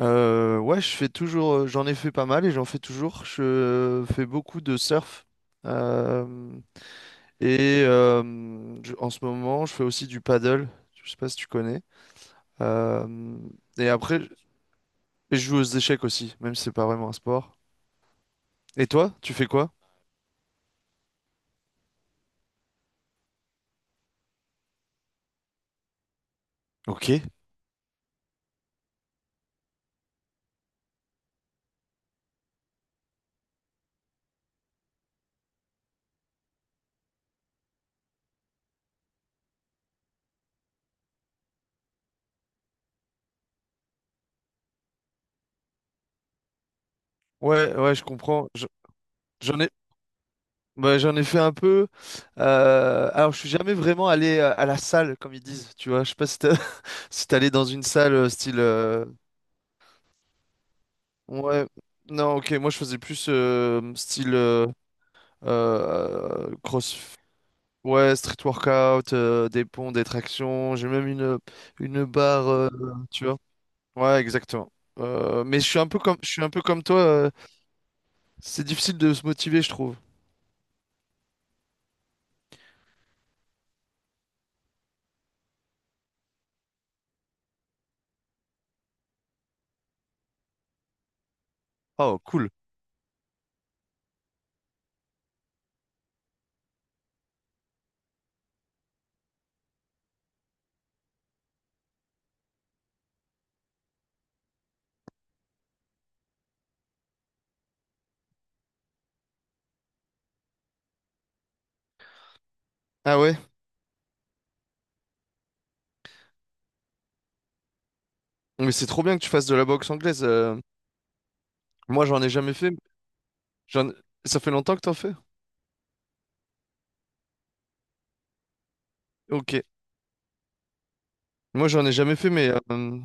Ouais, je fais toujours, j'en ai fait pas mal et j'en fais toujours. Je fais beaucoup de surf. Euh, et euh, En ce moment, je fais aussi du paddle. Je sais pas si tu connais. Euh, et après, et je joue aux échecs aussi, même si c'est pas vraiment un sport. Et toi, tu fais quoi? Ok. Ouais, ouais, je comprends. J'en ai, j'en ai fait un peu. Alors, je suis jamais vraiment allé à la salle, comme ils disent. Tu vois, je sais pas si si t'es allé dans une salle style. Ouais. Non, ok, moi je faisais plus style cross, ouais, street workout, des ponts, des tractions. J'ai même une barre, tu vois. Ouais, exactement. Mais je suis un peu comme toi. C'est difficile de se motiver, je trouve. Oh, cool. Ah ouais? Mais c'est trop bien que tu fasses de la boxe anglaise. Moi, j'en ai jamais fait. J'en- Ça fait longtemps que t'en fais? Ok. Moi, j'en ai jamais fait, mais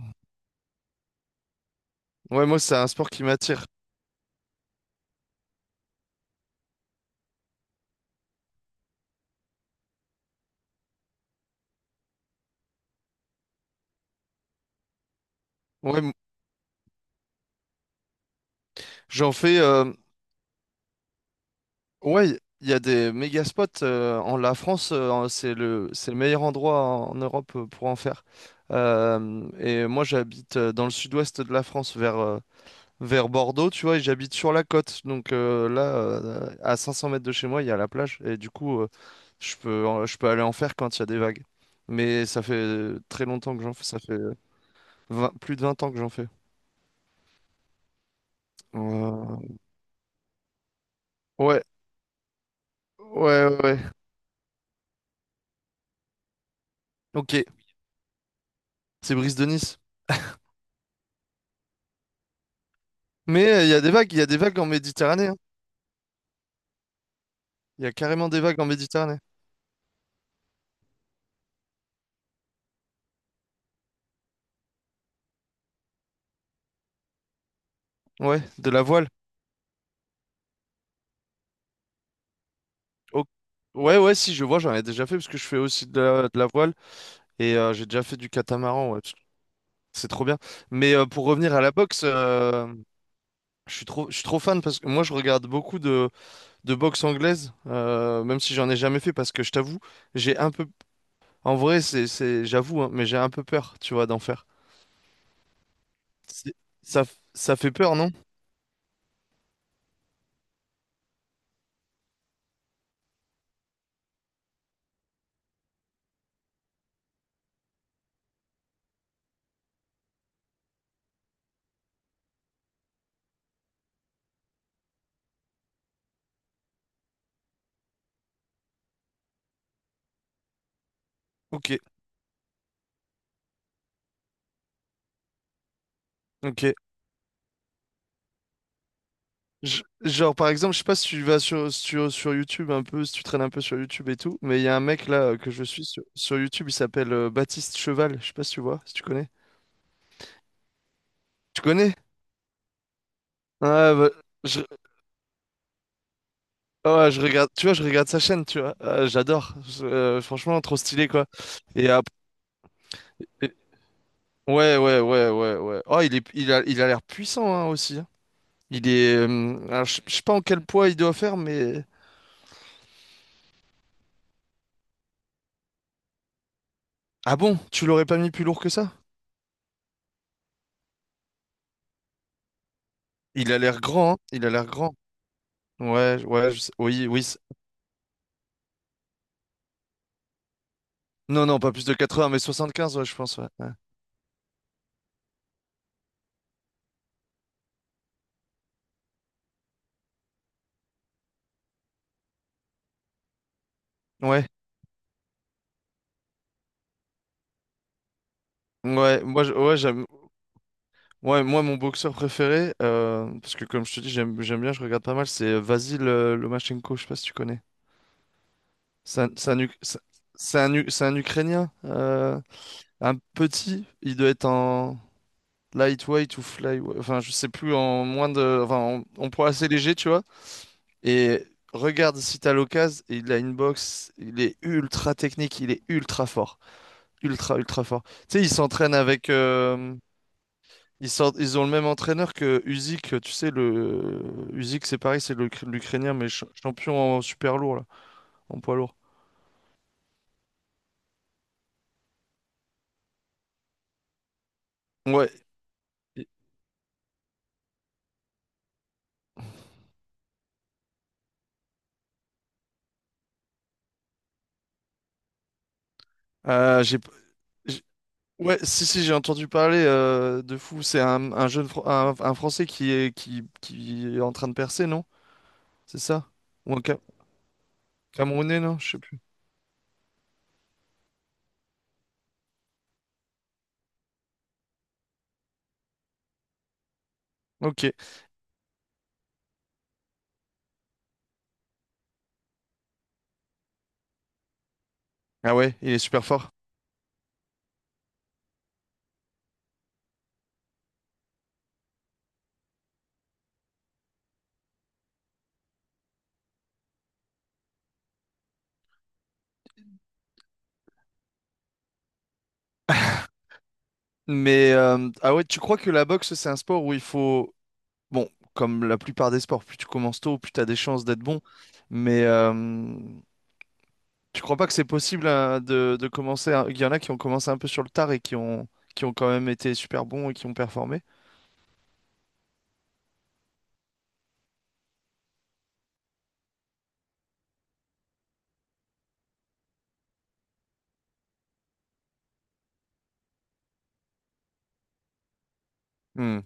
ouais, moi, c'est un sport qui m'attire. Ouais, j'en fais. Ouais, il y a des méga spots en la France, c'est le meilleur endroit en Europe pour en faire. Et moi j'habite dans le sud-ouest de la France vers vers Bordeaux, tu vois, et j'habite sur la côte. Donc là à 500 mètres de chez moi, il y a la plage et du coup je peux aller en faire quand il y a des vagues. Mais ça fait très longtemps que j'en fais, ça fait 20, plus de 20 ans que j'en fais. Euh, Ouais, ouais, ouais, ouais. OK, c'est Brise de Nice. Mais il y a des vagues, il y a des vagues en Méditerranée, hein. Il y a carrément des vagues en Méditerranée. Ouais, de la voile. Oh. Ouais, ouais, si, je vois, j'en ai déjà fait parce que je fais aussi de de la voile et j'ai déjà fait du catamaran. Ouais, parce que c'est trop bien. Mais pour revenir à la boxe, je suis trop fan parce que moi, je regarde beaucoup de boxe anglaise, même si j'en ai jamais fait parce que je t'avoue, j'ai un peu. En vrai, j'avoue, hein, mais j'ai un peu peur, tu vois, d'en faire. C'est- Ça, Ça fait peur, non? Ok, ok. Genre, par exemple, je sais pas si tu vas sur YouTube un peu, si tu traînes un peu sur YouTube et tout, mais il y a un mec là que je suis sur YouTube, il s'appelle Baptiste Cheval. Je sais pas si tu vois, si tu connais. Tu connais? Ah, bah, je, ouais, je regarde, tu vois, je regarde sa chaîne, tu vois. J'adore. Franchement, trop stylé, quoi. Et, ap- et- ouais, ouais, ouais, ouais, ouais. Oh, il a l'air puissant, hein, aussi. Hein. Alors, je sais pas en quel poids il doit faire, mais. Ah bon, tu l'aurais pas mis plus lourd que ça? Il a l'air grand, hein. Il a l'air grand. Ouais, ouais, oui, oui. Non, non, pas plus de 80, mais 75, ouais, je pense, ouais. Ouais, ouais, ouais, ouais, j'aime. Ouais, moi, mon boxeur préféré, parce que comme je te dis, j'aime bien, je regarde pas mal, c'est Vasyl Lomachenko, je sais pas si tu connais. C'est un, c'est un, Uk- c'est c'est un Ukrainien, un petit, il doit être en lightweight ou flyweight, enfin, je sais plus, en moins de, enfin, en poids assez léger, tu vois. Et regarde si t'as l'occasion, il a une boxe, il est ultra technique, il est ultra fort. Ultra, ultra fort. Tu sais, ils s'entraînent avec. Ils ont le même entraîneur que Usyk. Tu sais, le. Usyk, c'est pareil, l'Ukrainien, mais champion en super lourd, là, en poids lourd. Ouais. Euh, j'ai, j'ai- ouais, si, si, j'ai entendu parler de fou. Un jeune, un Français qui est en train de percer, non? C'est ça? Ou un Camerounais, non? Je sais plus. Ok. Ah ouais, il est super fort. Mais ah ouais, tu crois que la boxe, c'est un sport où il faut. Bon, comme la plupart des sports, plus tu commences tôt, plus tu as des chances d'être bon. Mais tu crois pas que c'est possible de commencer. Il y en a qui ont commencé un peu sur le tard qui ont quand même été super bons et qui ont performé. Hmm.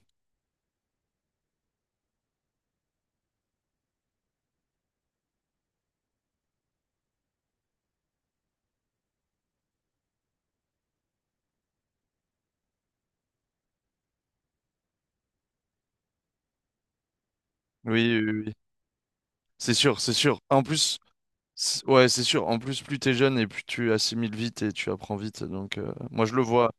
Oui, oui, oui. C'est sûr, c'est sûr. En plus, ouais, c'est sûr. En plus, plus t'es jeune et plus tu assimiles vite et tu apprends vite. Donc, moi, je le vois.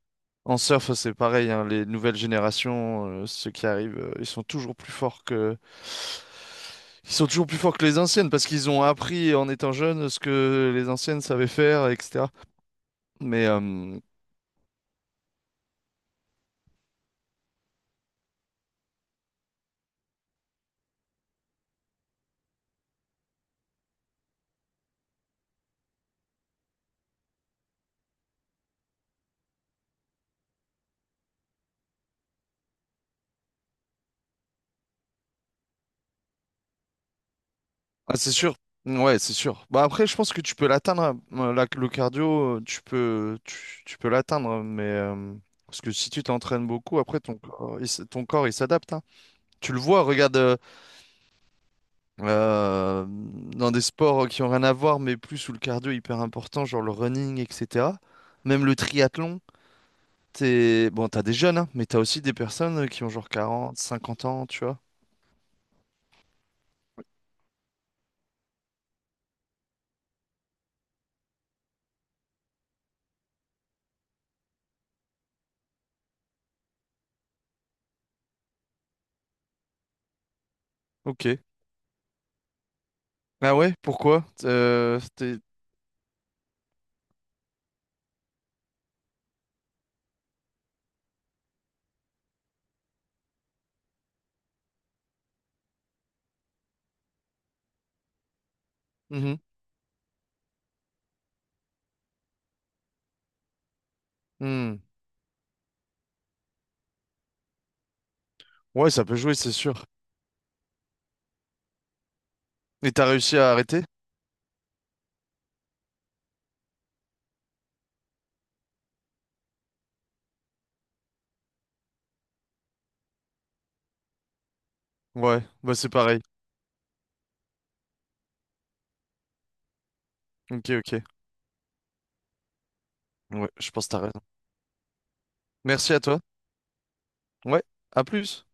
En surf, c'est pareil, hein, les nouvelles générations, ceux qui arrivent, ils sont toujours plus forts que… Ils sont toujours plus forts que les anciennes parce qu'ils ont appris en étant jeunes ce que les anciennes savaient faire, etc. Mais ah, c'est sûr, ouais, c'est sûr. Bah après, je pense que tu peux l'atteindre, hein. Le cardio, tu peux l'atteindre, mais parce que si tu t'entraînes beaucoup, après ton corps, il s'adapte, hein. Tu le vois, regarde. Dans des sports qui ont rien à voir, mais plus où le cardio est hyper important, genre le running, etc. Même le triathlon, t'es… Bon, t'as des jeunes, hein, mais t'as aussi des personnes qui ont genre 40, 50 ans, tu vois. Ok. Ah ouais, pourquoi? Mhm. Hmm. Ouais, ça peut jouer, c'est sûr. Et t'as réussi à arrêter? Ouais, bah c'est pareil. Ok, ok. Ouais, je pense que t'as raison. Merci à toi. Ouais, à plus.